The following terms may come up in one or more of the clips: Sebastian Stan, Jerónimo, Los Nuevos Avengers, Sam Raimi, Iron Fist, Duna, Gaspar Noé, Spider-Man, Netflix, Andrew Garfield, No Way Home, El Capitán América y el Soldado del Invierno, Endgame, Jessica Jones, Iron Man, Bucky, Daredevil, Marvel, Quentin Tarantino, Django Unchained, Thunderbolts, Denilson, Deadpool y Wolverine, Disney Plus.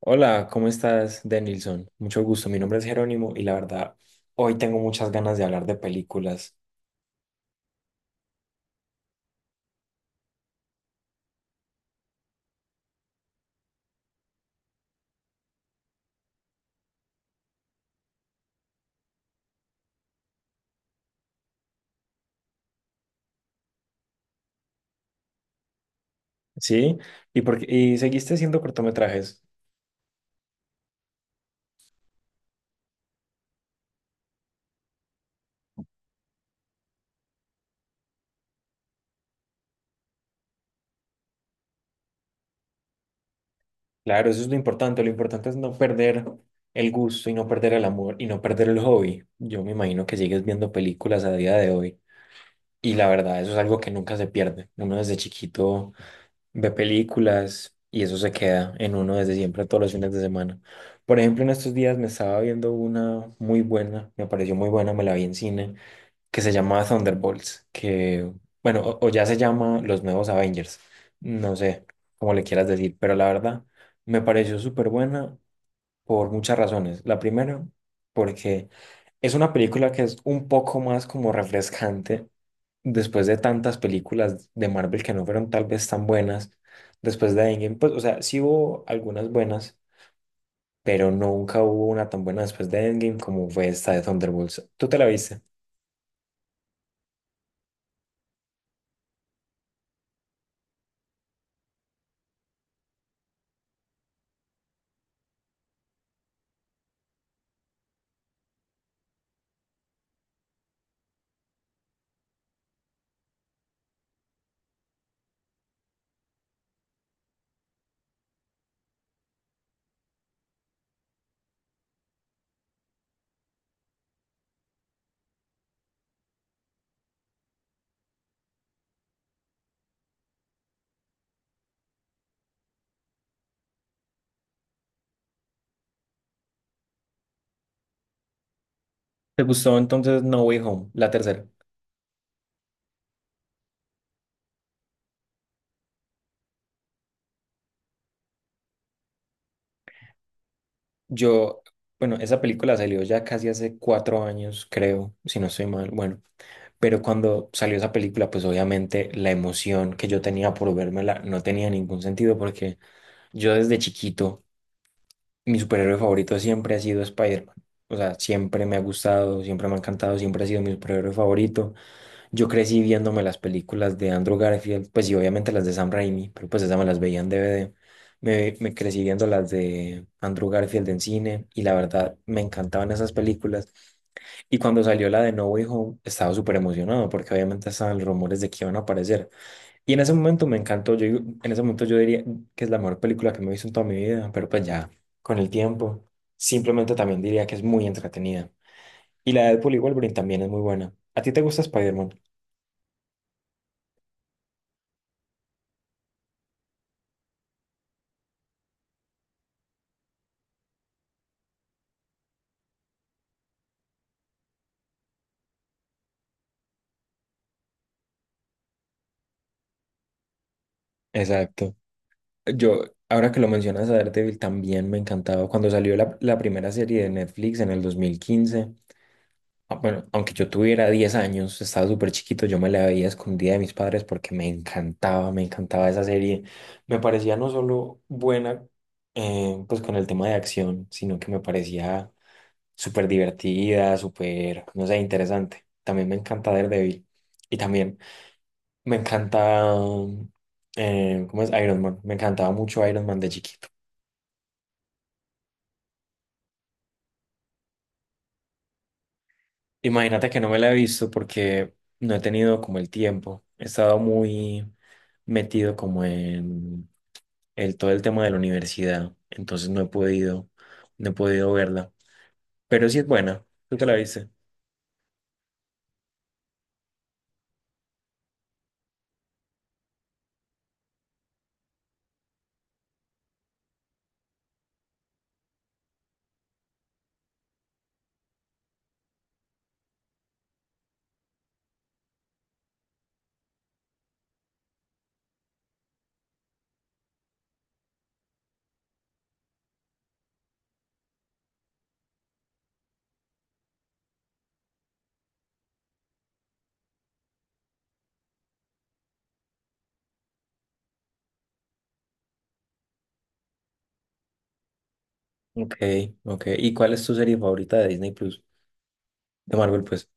Hola, ¿cómo estás, Denilson? Mucho gusto, mi nombre es Jerónimo y la verdad, hoy tengo muchas ganas de hablar de películas. ¿Sí? ¿Y seguiste haciendo cortometrajes? Claro, eso es lo importante es no perder el gusto y no perder el amor y no perder el hobby. Yo me imagino que sigues viendo películas a día de hoy y la verdad, eso es algo que nunca se pierde. Uno desde chiquito ve películas y eso se queda en uno desde siempre, todos los fines de semana. Por ejemplo, en estos días me estaba viendo una muy buena, me pareció muy buena, me la vi en cine, que se llama Thunderbolts, que, bueno, o ya se llama Los Nuevos Avengers, no sé cómo le quieras decir, pero la verdad me pareció súper buena por muchas razones. La primera, porque es una película que es un poco más como refrescante después de tantas películas de Marvel que no fueron tal vez tan buenas, después de Endgame, pues, o sea, sí hubo algunas buenas, pero nunca hubo una tan buena después de Endgame como fue esta de Thunderbolts. ¿Tú te la viste? ¿Te gustó entonces No Way Home, la tercera? Yo, bueno, esa película salió ya casi hace 4 años, creo, si no estoy mal, bueno. Pero cuando salió esa película, pues obviamente la emoción que yo tenía por vérmela no tenía ningún sentido porque yo desde chiquito mi superhéroe favorito siempre ha sido Spider-Man. O sea, siempre me ha gustado, siempre me ha encantado, siempre ha sido mi superhéroe favorito. Yo crecí viéndome las películas de Andrew Garfield, pues y obviamente las de Sam Raimi, pero pues esas me las veía en DVD. Me crecí viendo las de Andrew Garfield en cine y la verdad me encantaban esas películas. Y cuando salió la de No Way Home, estaba súper emocionado porque obviamente estaban los rumores de que iban a aparecer. Y en ese momento me encantó. En ese momento yo diría que es la mejor película que me he visto en toda mi vida, pero pues ya con el tiempo simplemente también diría que es muy entretenida. Y la de Deadpool y Wolverine también es muy buena. ¿A ti te gusta Spider-Man? Exacto. Yo, ahora que lo mencionas a Daredevil, también me encantaba. Cuando salió la primera serie de Netflix en el 2015. Ah, bueno, aunque yo tuviera 10 años, estaba súper chiquito, yo me la veía escondida de mis padres porque me encantaba esa serie. Me parecía no solo buena, pues con el tema de acción, sino que me parecía súper divertida, súper, no sé, interesante. También me encanta Daredevil y también me encanta, ¿cómo es? Iron Man. Me encantaba mucho Iron Man de chiquito. Imagínate que no me la he visto porque no he tenido como el tiempo. He estado muy metido como en el, todo el tema de la universidad, entonces no he podido, verla, pero sí es buena, tú te la viste. Ok, ok. ¿Y cuál es tu serie favorita de Disney Plus? De Marvel, pues.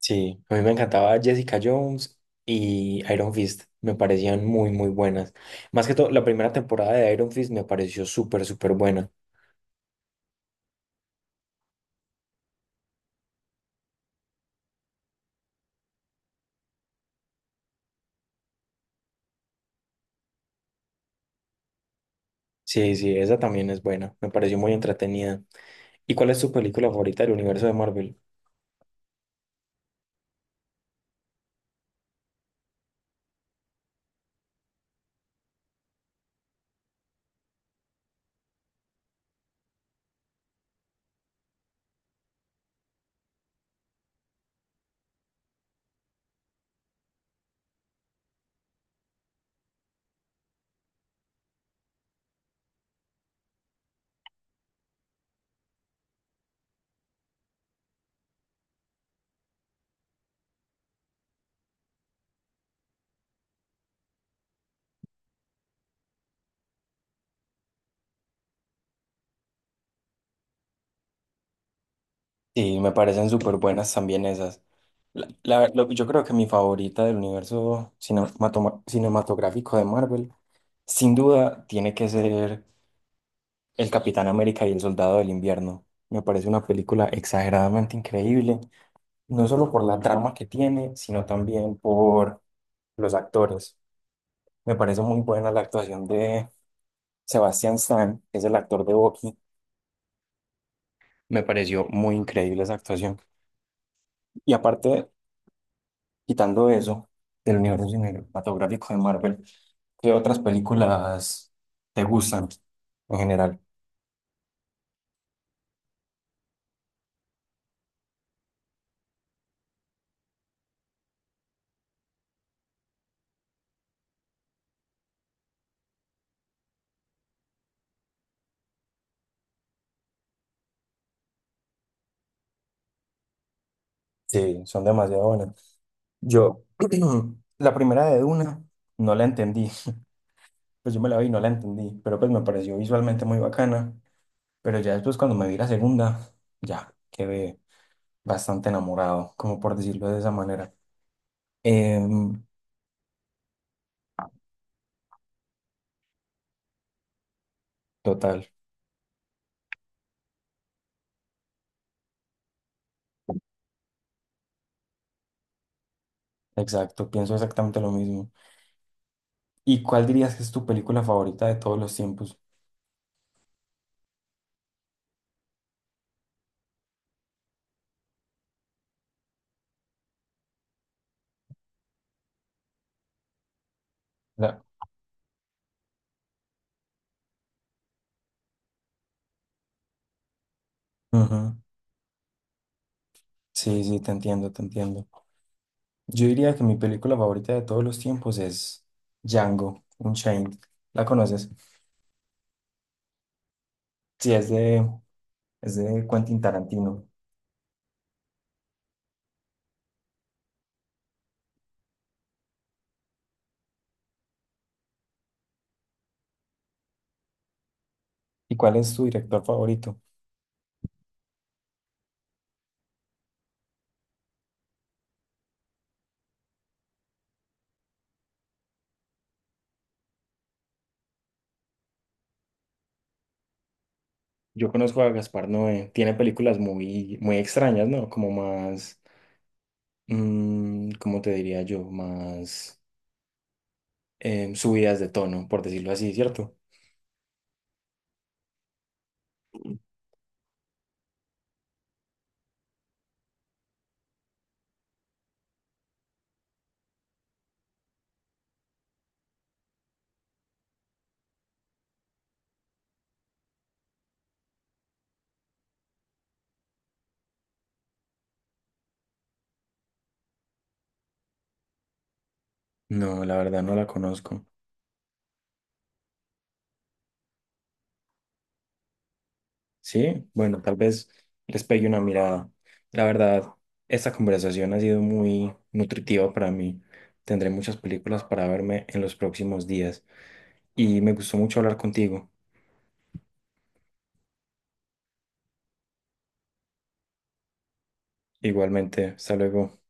Sí, a mí me encantaba Jessica Jones y Iron Fist, me parecían muy, muy buenas. Más que todo, la primera temporada de Iron Fist me pareció súper, súper buena. Sí, sí, esa también es buena, me pareció muy entretenida. ¿Y cuál es tu película favorita del universo de Marvel? Sí, me parecen súper buenas también esas. Yo creo que mi favorita del universo cinematográfico de Marvel, sin duda, tiene que ser el Capitán América y el Soldado del Invierno. Me parece una película exageradamente increíble, no solo por la trama que tiene, sino también por los actores. Me parece muy buena la actuación de Sebastian Stan, que es el actor de Bucky. Me pareció muy increíble esa actuación. Y aparte, quitando eso del universo cinematográfico de Marvel, ¿qué otras películas te gustan en general? Sí, son demasiado buenas. Yo, la primera de Duna, no la entendí. Pues yo me la vi y no la entendí, pero pues me pareció visualmente muy bacana. Pero ya después cuando me vi la segunda, ya quedé bastante enamorado, como por decirlo de esa manera. Em, Total, exacto, pienso exactamente lo mismo. ¿Y cuál dirías que es tu película favorita de todos los tiempos? Ujú. Sí, sí, te entiendo, te entiendo. Yo diría que mi película favorita de todos los tiempos es Django Unchained. ¿La conoces? Sí, es de Quentin Tarantino. ¿Y cuál es tu director favorito? Yo conozco a Gaspar Noé. Tiene películas muy, muy extrañas, ¿no? Como más, ¿cómo te diría yo? Más subidas de tono, por decirlo así, ¿cierto? No, la verdad no la conozco. Sí, bueno, tal vez les pegue una mirada. La verdad, esta conversación ha sido muy nutritiva para mí. Tendré muchas películas para verme en los próximos días y me gustó mucho hablar contigo. Igualmente, hasta luego.